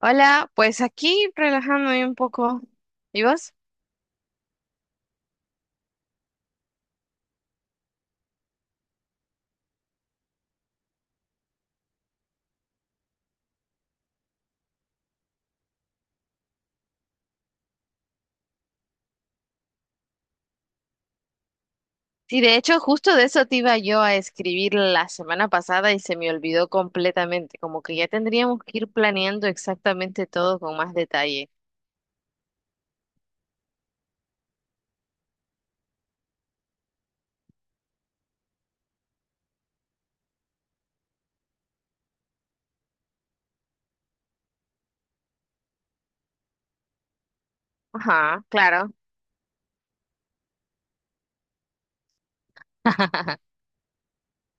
Hola, pues aquí relajándome un poco. ¿Y vos? Sí, de hecho, justo de eso te iba yo a escribir la semana pasada y se me olvidó completamente, como que ya tendríamos que ir planeando exactamente todo con más detalle. Ajá, claro.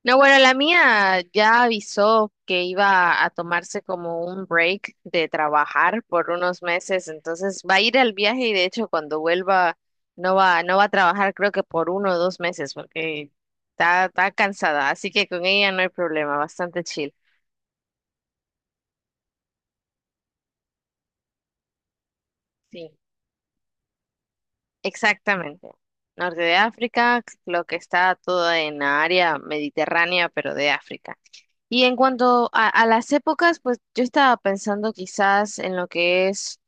No, bueno, la mía ya avisó que iba a tomarse como un break de trabajar por unos meses, entonces va a ir al viaje y de hecho cuando vuelva no va a trabajar creo que por 1 o 2 meses porque está cansada, así que con ella no hay problema, bastante chill. Sí, exactamente. Norte de África, lo que está todo en la área mediterránea, pero de África. Y en cuanto a las épocas, pues yo estaba pensando quizás en lo que es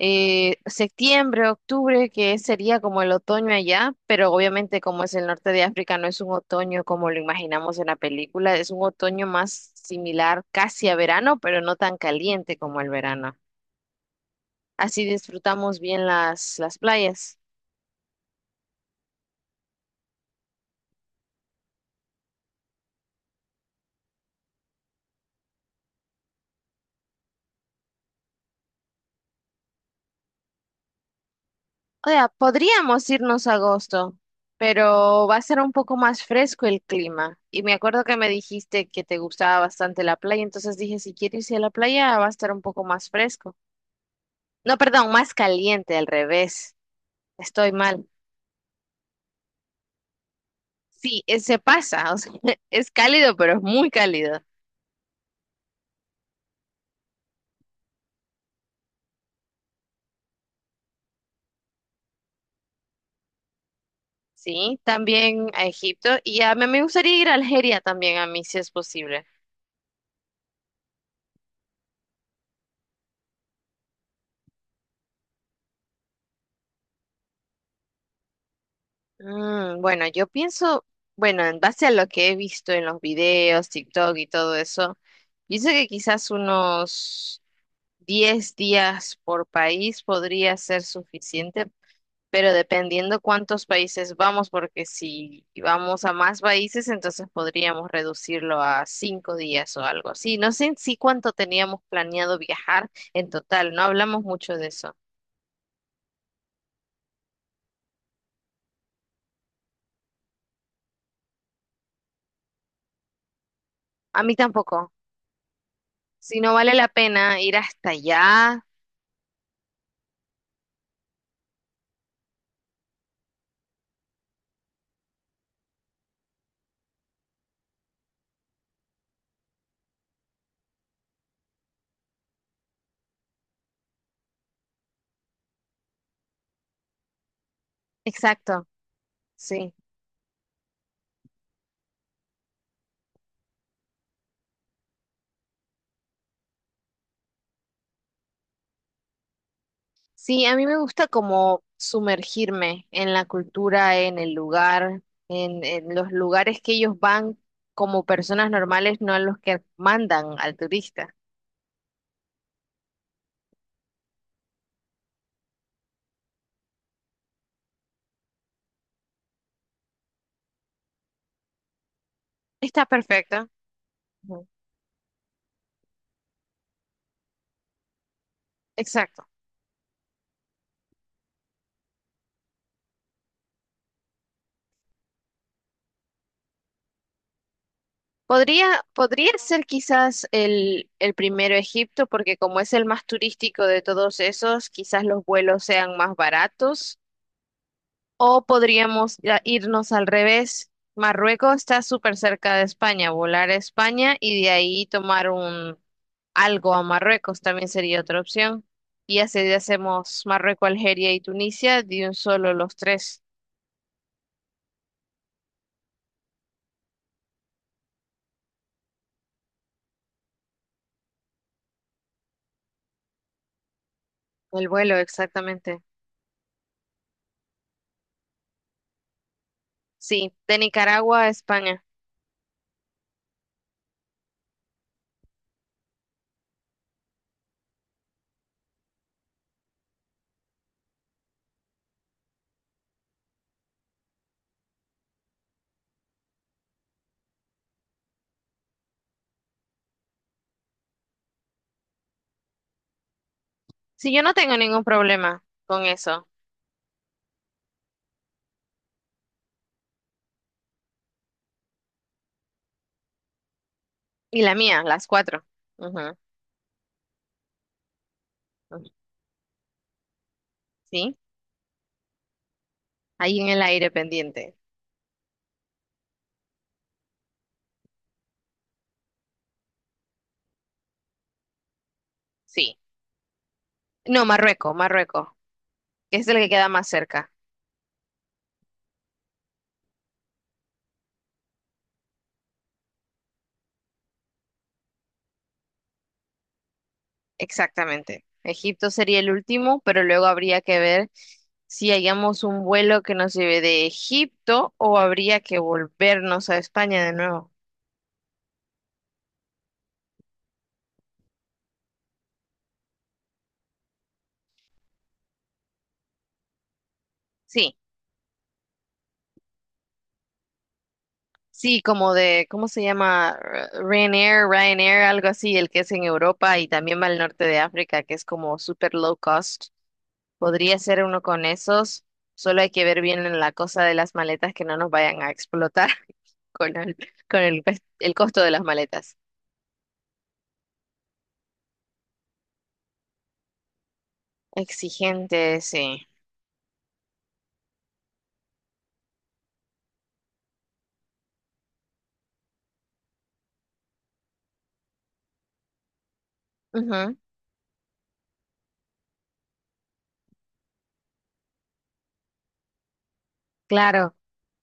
septiembre, octubre, que sería como el otoño allá, pero obviamente como es el norte de África, no es un otoño como lo imaginamos en la película, es un otoño más similar casi a verano, pero no tan caliente como el verano. Así disfrutamos bien las playas. O sea, podríamos irnos a agosto, pero va a ser un poco más fresco el clima. Y me acuerdo que me dijiste que te gustaba bastante la playa, entonces dije, si quieres ir a la playa, va a estar un poco más fresco. No, perdón, más caliente al revés. Estoy mal. Sí, se pasa, o sea, es cálido, pero es muy cálido. Sí, también a Egipto y a mí me gustaría ir a Algeria también a mí si es posible. Mm, bueno, yo pienso, bueno, en base a lo que he visto en los videos, TikTok y todo eso, pienso que quizás unos 10 días por país podría ser suficiente pero dependiendo cuántos países vamos, porque si vamos a más países, entonces podríamos reducirlo a 5 días o algo así. No sé en sí cuánto teníamos planeado viajar en total, no hablamos mucho de eso. A mí tampoco. Si no vale la pena ir hasta allá. Exacto, sí. Sí, a mí me gusta como sumergirme en la cultura, en el lugar, en los lugares que ellos van como personas normales, no a los que mandan al turista. Está perfecta. Ujú. Exacto. Podría ser quizás el primero Egipto, porque como es el más turístico de todos esos, quizás los vuelos sean más baratos. O podríamos ya irnos al revés. Marruecos está súper cerca de España, volar a España y de ahí tomar un algo a Marruecos también sería otra opción. Y así hacemos Marruecos, Algeria y Tunisia de un solo los tres. El vuelo, exactamente. Sí, de Nicaragua a España. Sí, yo no tengo ningún problema con eso. Y la mía, las cuatro. Ujú, ujú. Sí, ahí en el aire pendiente. Sí. No, Marruecos, Marruecos, que es el que queda más cerca. Exactamente. Egipto sería el último, pero luego habría que ver si hallamos un vuelo que nos lleve de Egipto o habría que volvernos a España de nuevo. Sí. Sí, como de, ¿cómo se llama? Ryanair, Ryanair, algo así, el que es en Europa y también va al norte de África, que es como super low cost. Podría ser uno con esos. Solo hay que ver bien en la cosa de las maletas que no nos vayan a explotar con el, con el el costo de las maletas. Exigente, sí. Ujú, claro.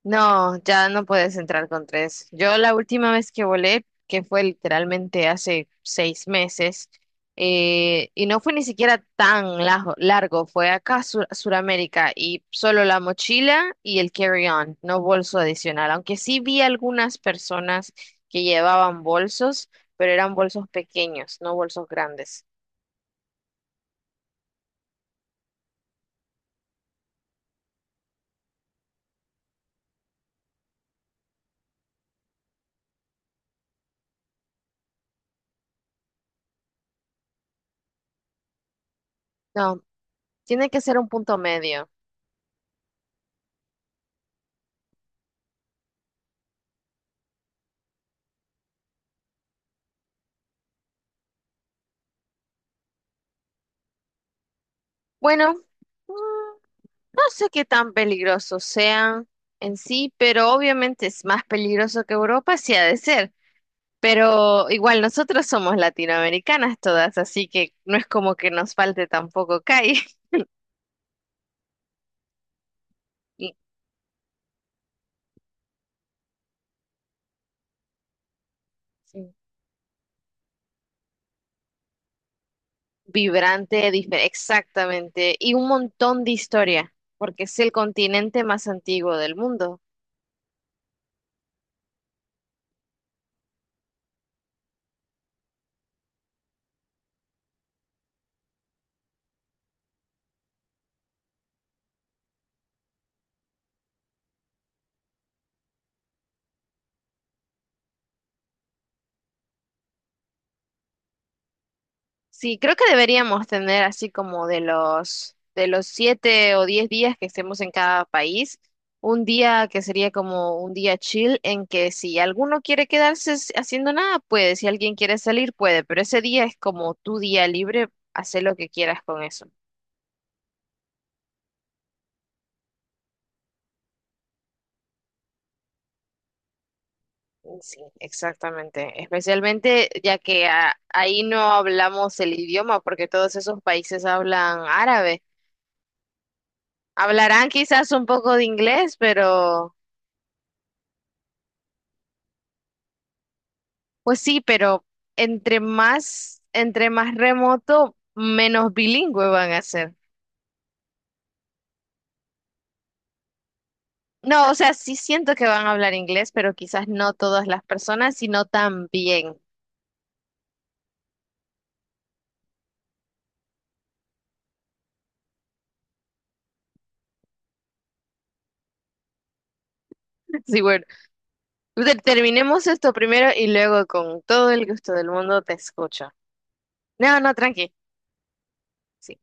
No, ya no puedes entrar con tres. Yo la última vez que volé, que fue literalmente hace 6 meses, y no fue ni siquiera tan largo, fue acá a Suramérica y solo la mochila y el carry-on, no bolso adicional, aunque sí vi algunas personas que llevaban bolsos, pero eran bolsos pequeños, no bolsos grandes. No, tiene que ser un punto medio. Bueno. No sé qué tan peligrosos sean en sí, pero obviamente es más peligroso que Europa, sí ha de ser. Pero igual nosotros somos latinoamericanas todas, así que no es como que nos falte tampoco calle. Y vibrante, exactamente, y un montón de historia, porque es el continente más antiguo del mundo. Sí, creo que deberíamos tener así como de los 7 o 10 días que estemos en cada país, un día que sería como un día chill en que si alguno quiere quedarse haciendo nada, puede, si alguien quiere salir, puede, pero ese día es como tu día libre, hacer lo que quieras con eso. Sí, exactamente. Especialmente ya que ahí no hablamos el idioma, porque todos esos países hablan árabe. Hablarán quizás un poco de inglés, pero pues sí, pero entre más remoto, menos bilingüe van a ser. No, o sea, sí siento que van a hablar inglés, pero quizás no todas las personas, sino también. Sí, bueno, terminemos esto primero y luego con todo el gusto del mundo te escucho. No, no, tranqui. Sí.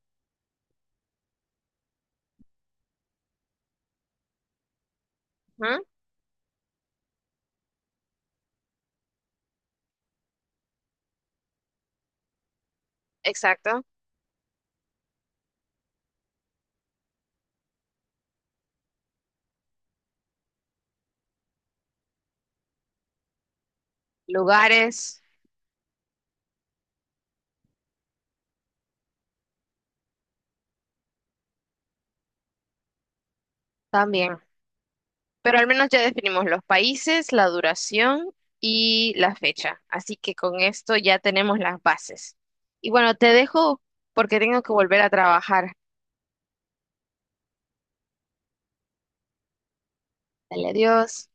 Ujú, exacto. Lugares también. Pero al menos ya definimos los países, la duración y la fecha. Así que con esto ya tenemos las bases. Y bueno, te dejo porque tengo que volver a trabajar. Dale, adiós.